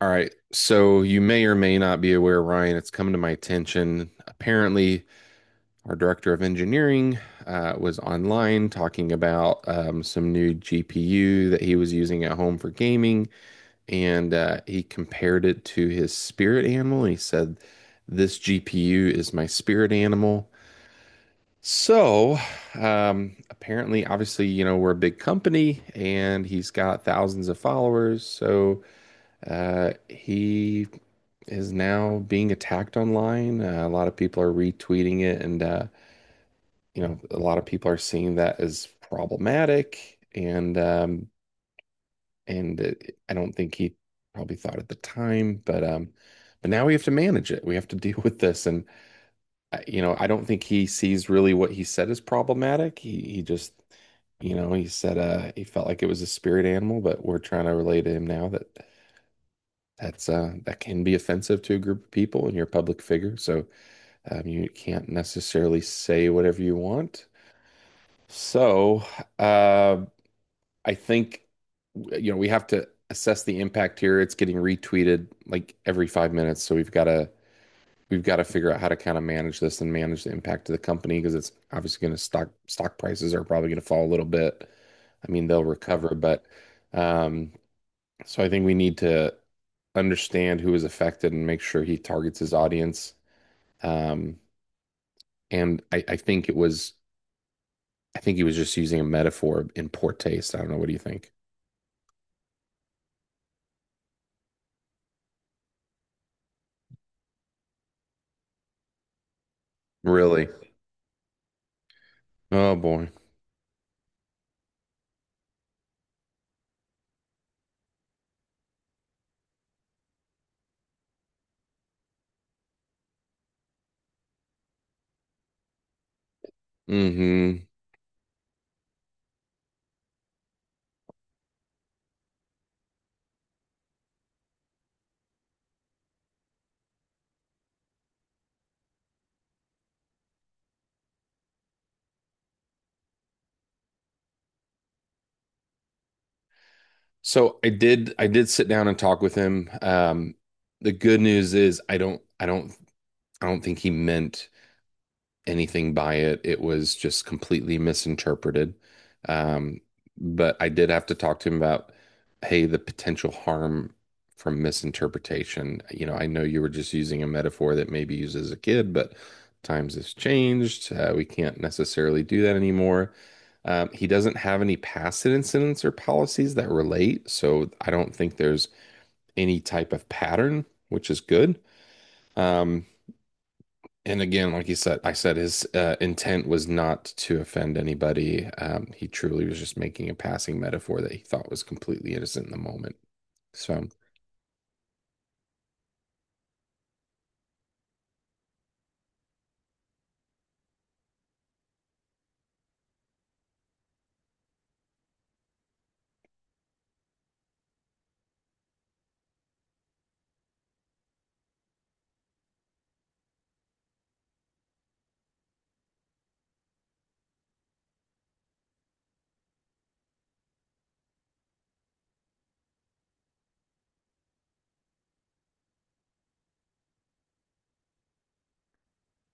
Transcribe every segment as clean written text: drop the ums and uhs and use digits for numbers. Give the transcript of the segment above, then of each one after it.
All right. So you may or may not be aware, Ryan, it's come to my attention. Apparently, our director of engineering was online talking about some new GPU that he was using at home for gaming, and he compared it to his spirit animal. He said, this GPU is my spirit animal. So, Apparently, obviously, you know, we're a big company and he's got thousands of followers. So, he is now being attacked online. A lot of people are retweeting it, and you know, a lot of people are seeing that as problematic. I don't think he probably thought at the time, but now we have to manage it. We have to deal with this, and you know, I don't think he sees really what he said as problematic. He just. You know, he said he felt like it was a spirit animal, but we're trying to relay to him now that that can be offensive to a group of people, and you're a public figure, so you can't necessarily say whatever you want. So uh, I think you know we have to assess the impact here. It's getting retweeted like every 5 minutes, so we've got to figure out how to kind of manage this and manage the impact to the company because it's obviously going to stock prices are probably going to fall a little bit. I mean, they'll recover, but um, so I think we need to understand who is affected and make sure he targets his audience. Um, I think he was just using a metaphor in poor taste. I don't know. What do you think? Really? Oh boy. Hmm. I did sit down and talk with him. The good news is I don't think he meant anything by it. It was just completely misinterpreted. Um, but I did have to talk to him about, hey, the potential harm from misinterpretation. You know, I know you were just using a metaphor that maybe used as a kid, but times has changed. We can't necessarily do that anymore. He doesn't have any past incidents or policies that relate, so I don't think there's any type of pattern, which is good. Um, and again, like I said his intent was not to offend anybody. He truly was just making a passing metaphor that he thought was completely innocent in the moment. So,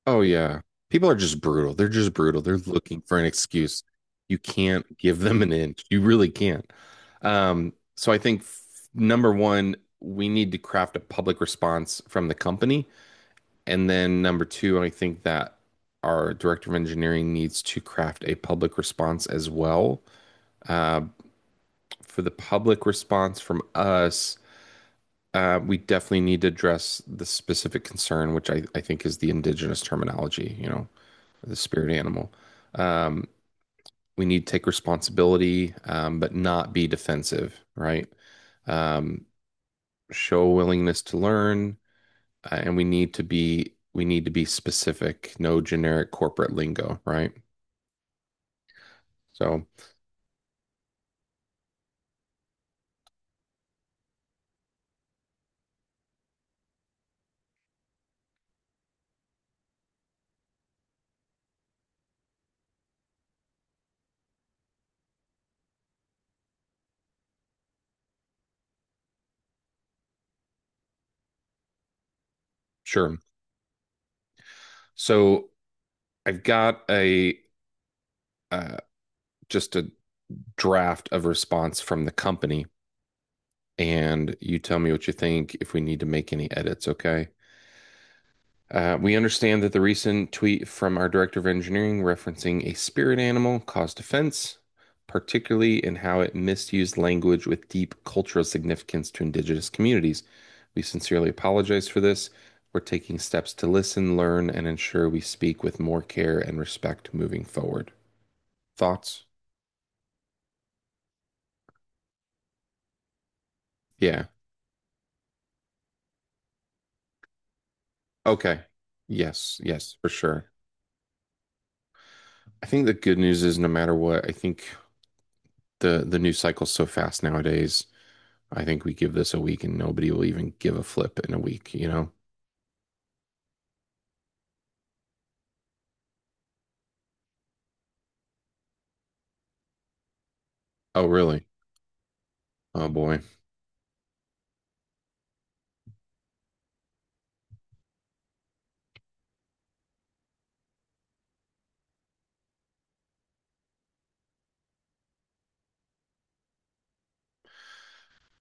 oh yeah, people are just brutal. They're just brutal. They're looking for an excuse. You can't give them an inch. You really can't. Um, so I think f- Number one, we need to craft a public response from the company, and then number two, I think that our director of engineering needs to craft a public response as well. Uh, for the public response from us, we definitely need to address the specific concern, which I think is the indigenous terminology, you know, the spirit animal. Um, we need to take responsibility, but not be defensive, right? Um, Show a willingness to learn, and we need to be specific, no generic corporate lingo, right? So sure. So I've got a uh, just a draft of response from the company and you tell me what you think if we need to make any edits, okay? We understand that the recent tweet from our director of engineering referencing a spirit animal caused offense, particularly in how it misused language with deep cultural significance to indigenous communities. We sincerely apologize for this. We're taking steps to listen, learn, and ensure we speak with more care and respect moving forward. Thoughts? Yeah. Okay. Yes. Yes, for sure. I think the good news is no matter what, I think the news cycle's so fast nowadays. I think we give this a week and nobody will even give a flip in a week, you know? Oh, really? Oh boy.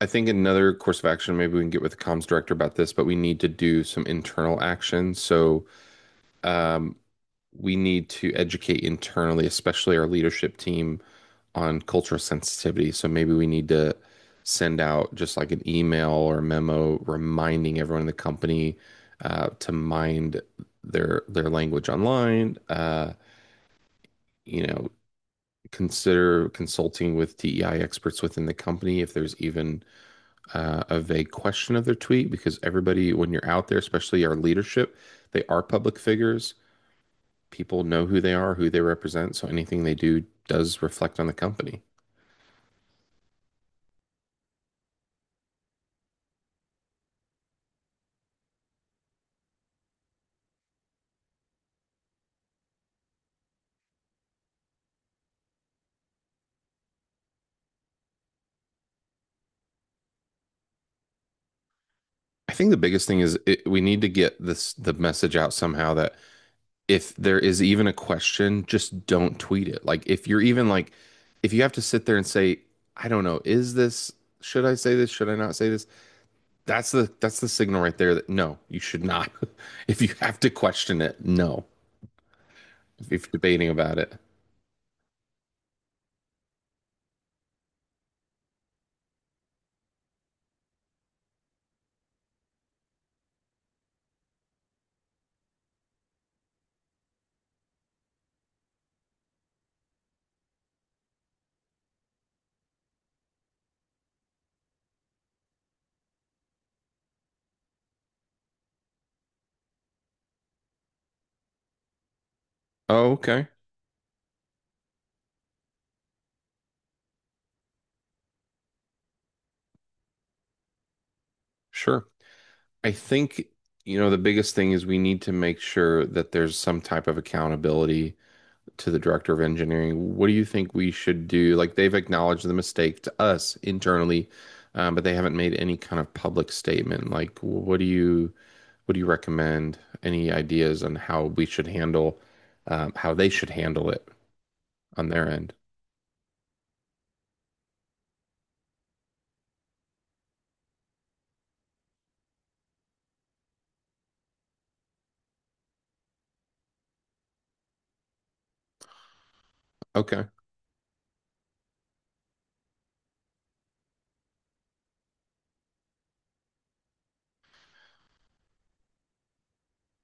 I think another course of action, maybe we can get with the comms director about this, but we need to do some internal action. So um, we need to educate internally, especially our leadership team, on cultural sensitivity. So maybe we need to send out just like an email or memo reminding everyone in the company to mind their language online. You know, consider consulting with DEI experts within the company if there's even a vague question of their tweet, because everybody, when you're out there, especially our leadership, they are public figures. People know who they are, who they represent, so anything they do does reflect on the company. I think the biggest thing is we need to get this the message out somehow that if there is even a question, just don't tweet it. Like if you're even like if you have to sit there and say, I don't know, is this should I say this? Should I not say this? That's the signal right there that no, you should not. If you have to question it, no. If you're debating about it. Oh, okay. Sure. I think, you know, the biggest thing is we need to make sure that there's some type of accountability to the director of engineering. What do you think we should do? Like they've acknowledged the mistake to us internally, but they haven't made any kind of public statement. Like, what do you recommend? Any ideas on how we should handle, how they should handle it on their end? Okay.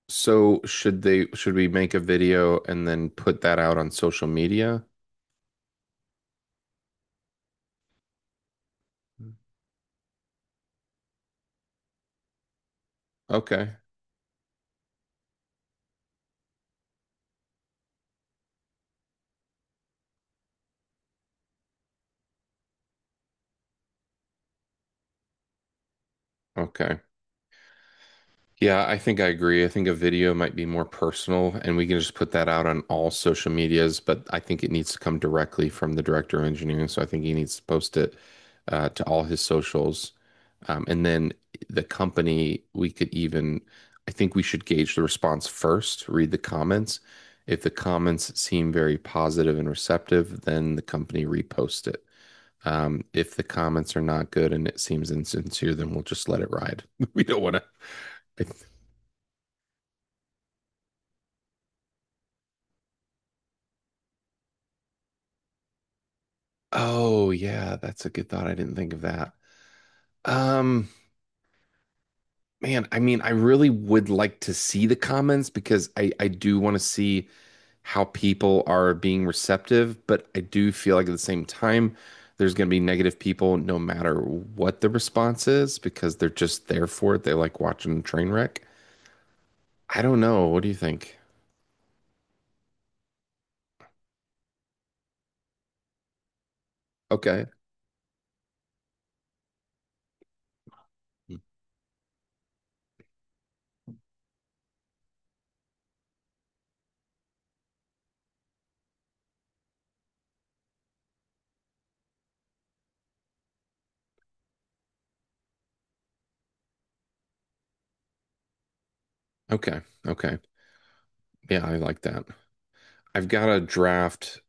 So should we make a video and then put that out on social media? Okay. Okay. Yeah, I think I agree. I think a video might be more personal, and we can just put that out on all social medias, but I think it needs to come directly from the director of engineering. So I think he needs to post it to all his socials. And then the company, I think we should gauge the response first, read the comments. If the comments seem very positive and receptive, then the company repost it. If the comments are not good and it seems insincere, then we'll just let it ride. We don't want to. Oh yeah, that's a good thought. I didn't think of that. Um, man, I mean, I really would like to see the comments because I do want to see how people are being receptive, but I do feel like at the same time there's going to be negative people no matter what the response is because they're just there for it. They like watching a train wreck. I don't know. What do you think? Okay. Okay. Okay. Yeah, I like that. I've got a draft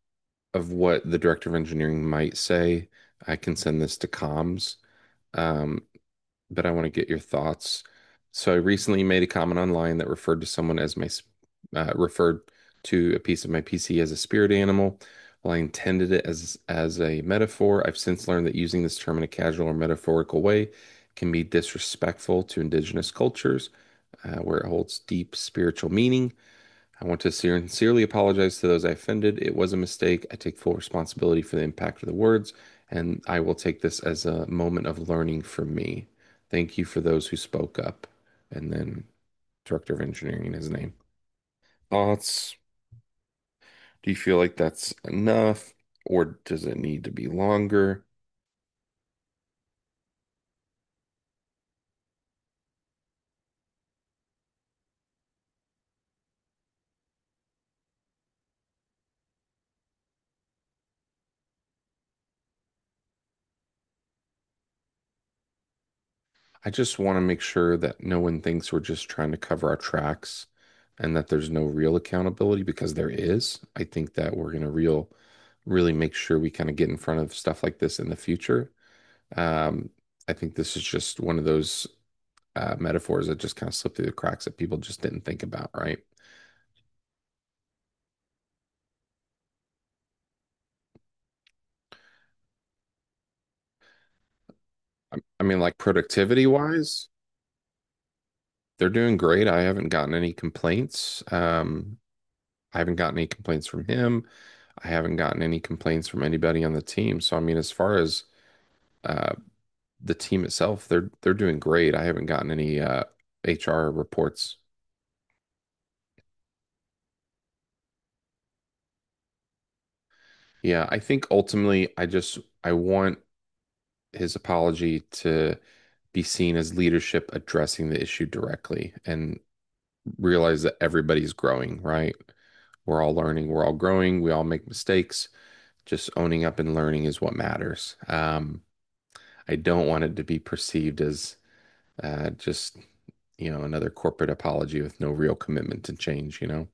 of what the director of engineering might say. I can send this to comms, um, but I want to get your thoughts. So I recently made a comment online that referred to a piece of my PC as a spirit animal. While I intended it as a metaphor, I've since learned that using this term in a casual or metaphorical way can be disrespectful to indigenous cultures, where it holds deep spiritual meaning. I want to sincerely apologize to those I offended. It was a mistake. I take full responsibility for the impact of the words, and I will take this as a moment of learning for me. Thank you for those who spoke up. And then Director of Engineering in his name. Thoughts? Do you feel like that's enough, or does it need to be longer? I just want to make sure that no one thinks we're just trying to cover our tracks and that there's no real accountability because there is. I think that we're going to really make sure we kind of get in front of stuff like this in the future. Um, I think this is just one of those metaphors that just kind of slipped through the cracks that people just didn't think about, right? I mean, like productivity wise, they're doing great. I haven't gotten any complaints. I haven't gotten any complaints from him. I haven't gotten any complaints from anybody on the team. So I mean, as far as uh, the team itself, they're doing great. I haven't gotten any HR reports. Yeah, I think ultimately, I want his apology to be seen as leadership addressing the issue directly and realize that everybody's growing, right? We're all learning, we're all growing, we all make mistakes. Just owning up and learning is what matters. I don't want it to be perceived as Uh, just, you know, another corporate apology with no real commitment to change, you know?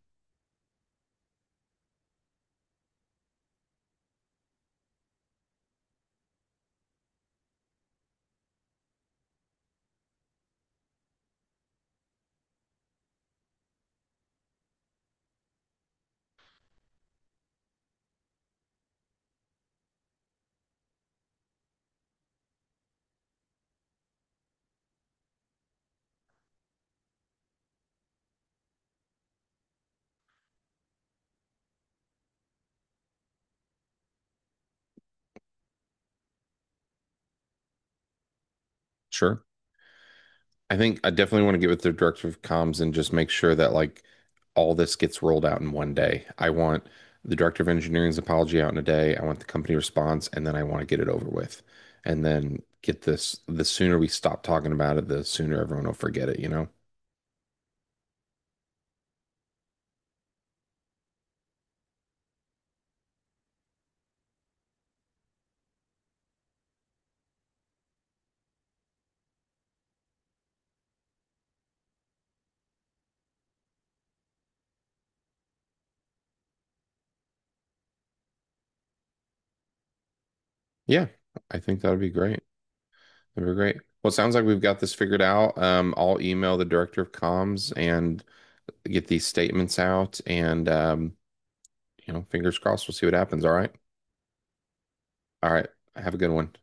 Sure. I think I definitely want to get with the director of comms and just make sure that like all this gets rolled out in 1 day. I want the director of engineering's apology out in a day. I want the company response, and then I want to get it over with. And then the sooner we stop talking about it, the sooner everyone will forget it, you know? Yeah, I think that would be great. That'd be great. Well, it sounds like we've got this figured out. I'll email the director of comms and get these statements out and you know, fingers crossed, we'll see what happens. All right. All right. Have a good one.